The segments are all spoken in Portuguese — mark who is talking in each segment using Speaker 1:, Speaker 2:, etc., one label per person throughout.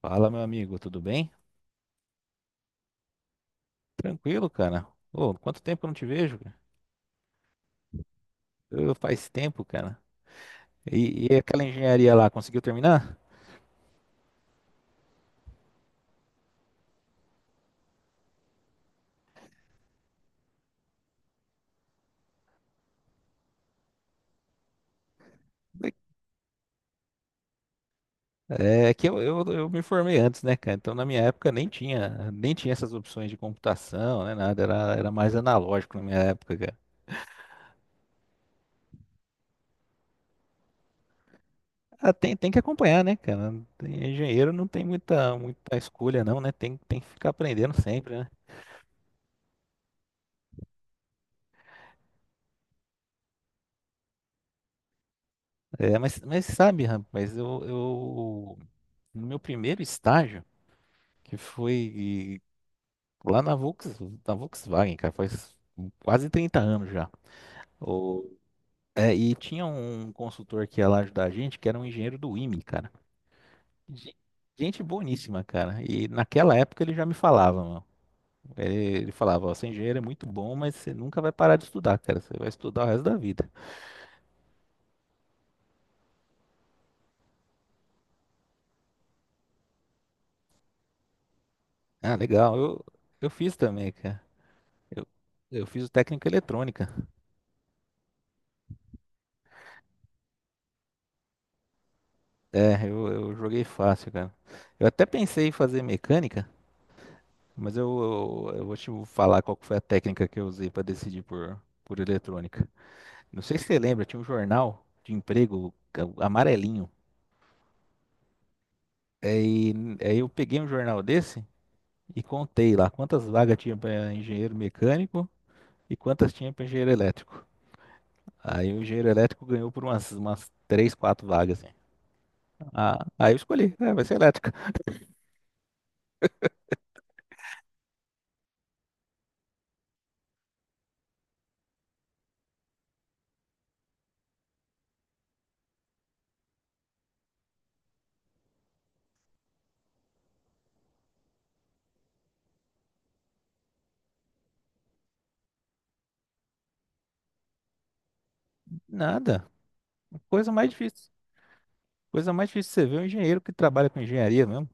Speaker 1: Fala, meu amigo, tudo bem? Tranquilo, cara. Ô, quanto tempo eu não te vejo, cara? Ô, faz tempo, cara. E aquela engenharia lá, conseguiu terminar? É que eu me formei antes, né, cara? Então, na minha época, nem tinha essas opções de computação, né, nada. Era mais analógico na minha época, cara. Ah, tem que acompanhar, né, cara? Engenheiro não tem muita escolha, não, né? Tem que ficar aprendendo sempre, né? É, mas sabe, rapaz, no meu primeiro estágio, que foi lá na Volkswagen, cara, faz quase 30 anos já. O- e tinha um consultor que ia lá ajudar a gente, que era um engenheiro do IME, cara. Ge- Gente boníssima, cara. E naquela época ele já me falava, mano. Ele falava, ó, ser engenheiro é muito bom, mas você nunca vai parar de estudar, cara. Você vai estudar o resto da vida. Ah, legal. Eu fiz também, cara. Eu, eu fiz o técnico em eletrônica. É, eu joguei fácil, cara. Eu até pensei em fazer mecânica, mas eu vou te falar qual que foi a técnica que eu usei para decidir por eletrônica. Não sei se você lembra, tinha um jornal de emprego amarelinho. Aí, aí eu peguei um jornal desse e contei lá quantas vagas tinha para engenheiro mecânico e quantas tinha para engenheiro elétrico. Aí o engenheiro elétrico ganhou por umas 3 4 vagas, assim. Ah, aí eu escolhi, é, vai ser elétrica. Nada, coisa mais difícil. Coisa mais difícil você ver é um engenheiro que trabalha com engenharia mesmo.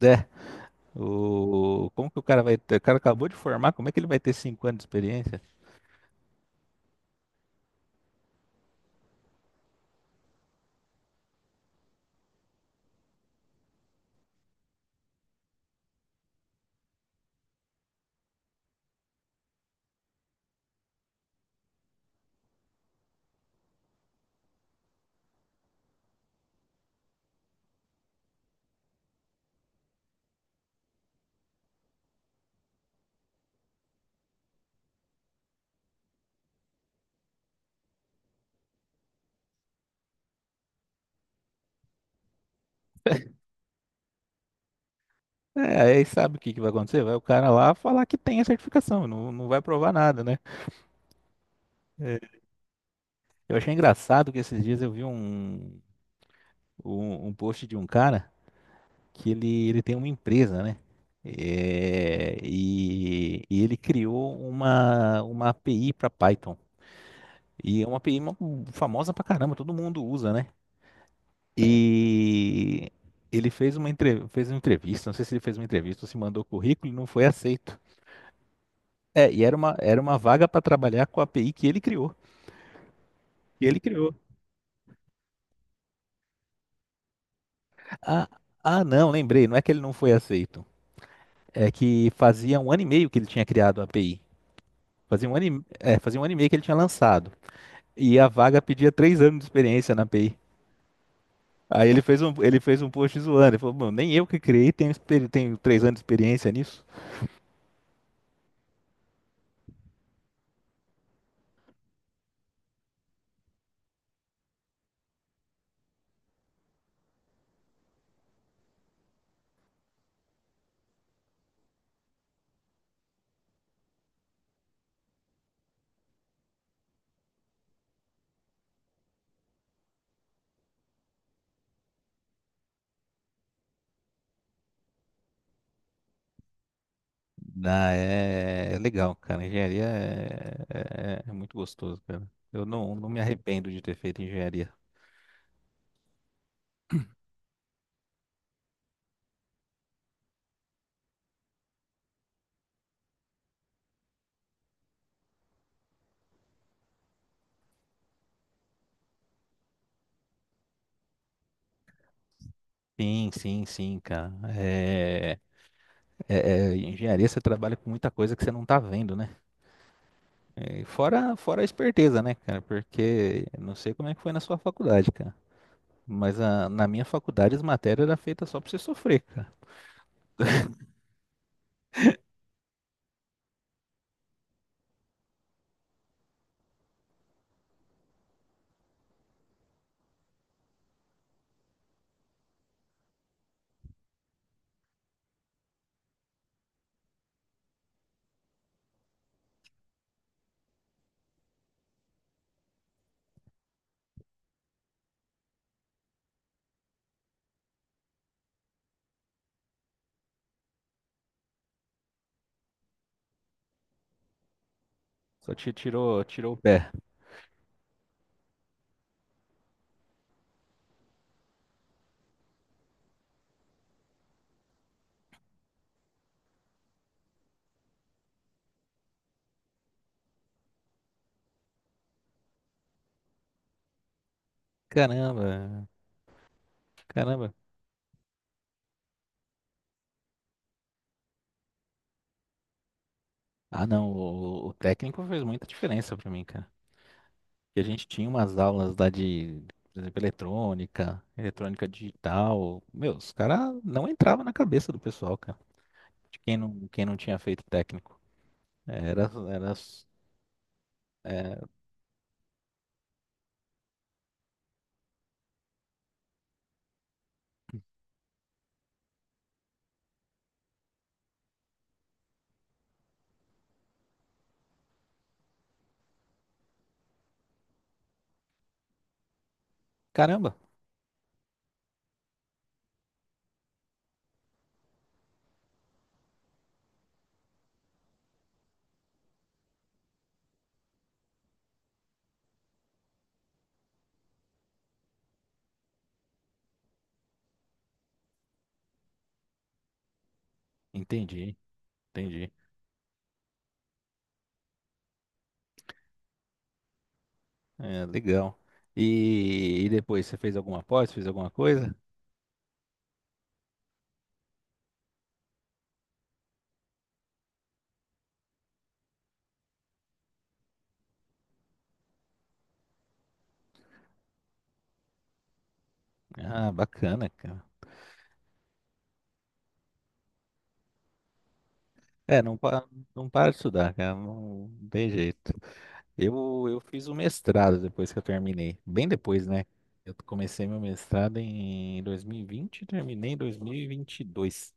Speaker 1: É, como que o cara vai ter? O cara acabou de formar, como é que ele vai ter 5 anos de experiência? É, aí sabe o que que vai acontecer? Vai o cara lá falar que tem a certificação, não vai provar nada, né? É, eu achei engraçado que esses dias eu vi um post de um cara que ele tem uma empresa, né? É, e ele criou uma API para Python. E é uma API famosa pra caramba, todo mundo usa, né? E ele fez uma entrevista, não sei se ele fez uma entrevista ou se mandou currículo e não foi aceito. É, e era uma vaga para trabalhar com a API que ele criou. Que ele criou. Ah, não, lembrei, não é que ele não foi aceito. É que fazia um ano e meio que ele tinha criado a API. Fazia um ano e meio que ele tinha lançado. E a vaga pedia 3 anos de experiência na API. Aí ele fez um post zoando. Ele falou, "Bom, nem eu que criei tenho 3 anos de experiência nisso." Ah, é legal, cara. Engenharia é muito gostoso, cara. Eu não me arrependo de ter feito engenharia. Sim, sim, sim, cara. É, engenharia você trabalha com muita coisa que você não tá vendo, né? É, fora a esperteza, né, cara? Porque eu não sei como é que foi na sua faculdade, cara. Mas na minha faculdade as matérias eram feitas só pra você sofrer, cara. Só te tirou o pé. Caramba, caramba. Ah, não, o técnico fez muita diferença pra mim, cara. Que a gente tinha umas aulas lá de, por exemplo, eletrônica digital. Meu, os caras não entravam na cabeça do pessoal, cara, de quem quem não tinha feito técnico. Era, era, é, caramba, entendi, entendi. É, legal. E depois, você fez alguma pós, fez alguma coisa? Ah, bacana, cara. É, não para de estudar, cara, não tem jeito. Eu fiz o mestrado depois que eu terminei. Bem depois, né? Eu comecei meu mestrado em 2020 e vinte e terminei em 2022.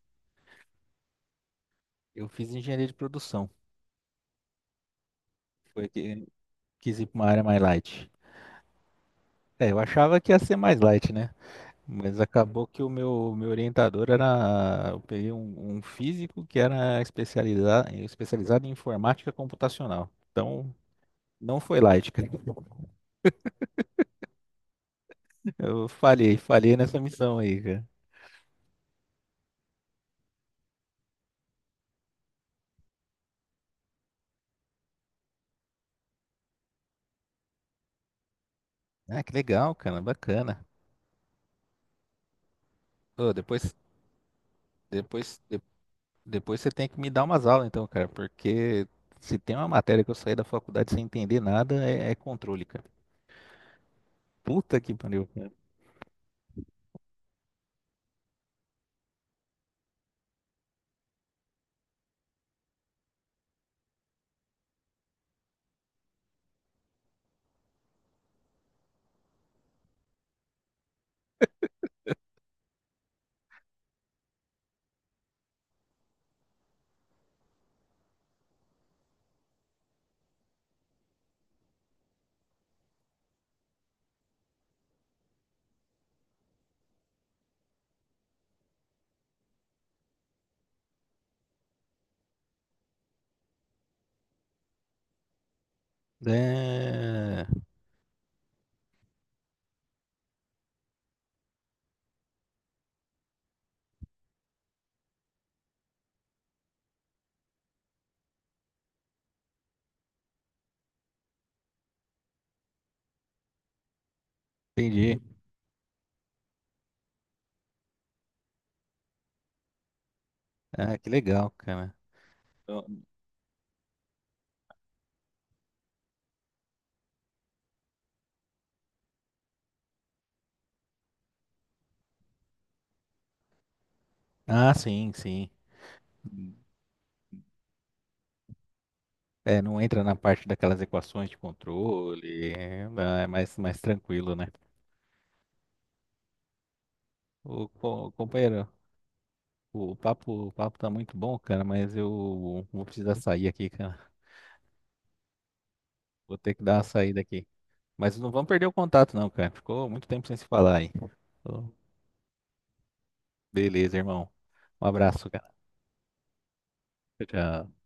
Speaker 1: Eu fiz engenharia de produção. Foi que quis ir para uma área mais light. É, eu achava que ia ser mais light, né? Mas acabou que o meu orientador era. Eu peguei um físico que era especializado em informática computacional. Então, não foi light, cara. Eu falhei nessa missão aí, cara. Ah, que legal, cara, bacana. Ô, depois, de- depois você tem que me dar umas aulas, então, cara, porque se tem uma matéria que eu saí da faculdade sem entender nada, é controle, cara. Puta que pariu, cara. É, entendi. Ah, que legal, cara. Então- Ah, sim, sim. É, não entra na parte daquelas equações de controle, é mais, mais tranquilo, né? Ô, companheiro, o papo tá muito bom, cara, mas eu vou precisar sair aqui, cara. Vou ter que dar uma saída aqui. Mas não vamos perder o contato, não, cara. Ficou muito tempo sem se falar aí. Então. Beleza, irmão. Um abraço, cara. Tchau, tchau.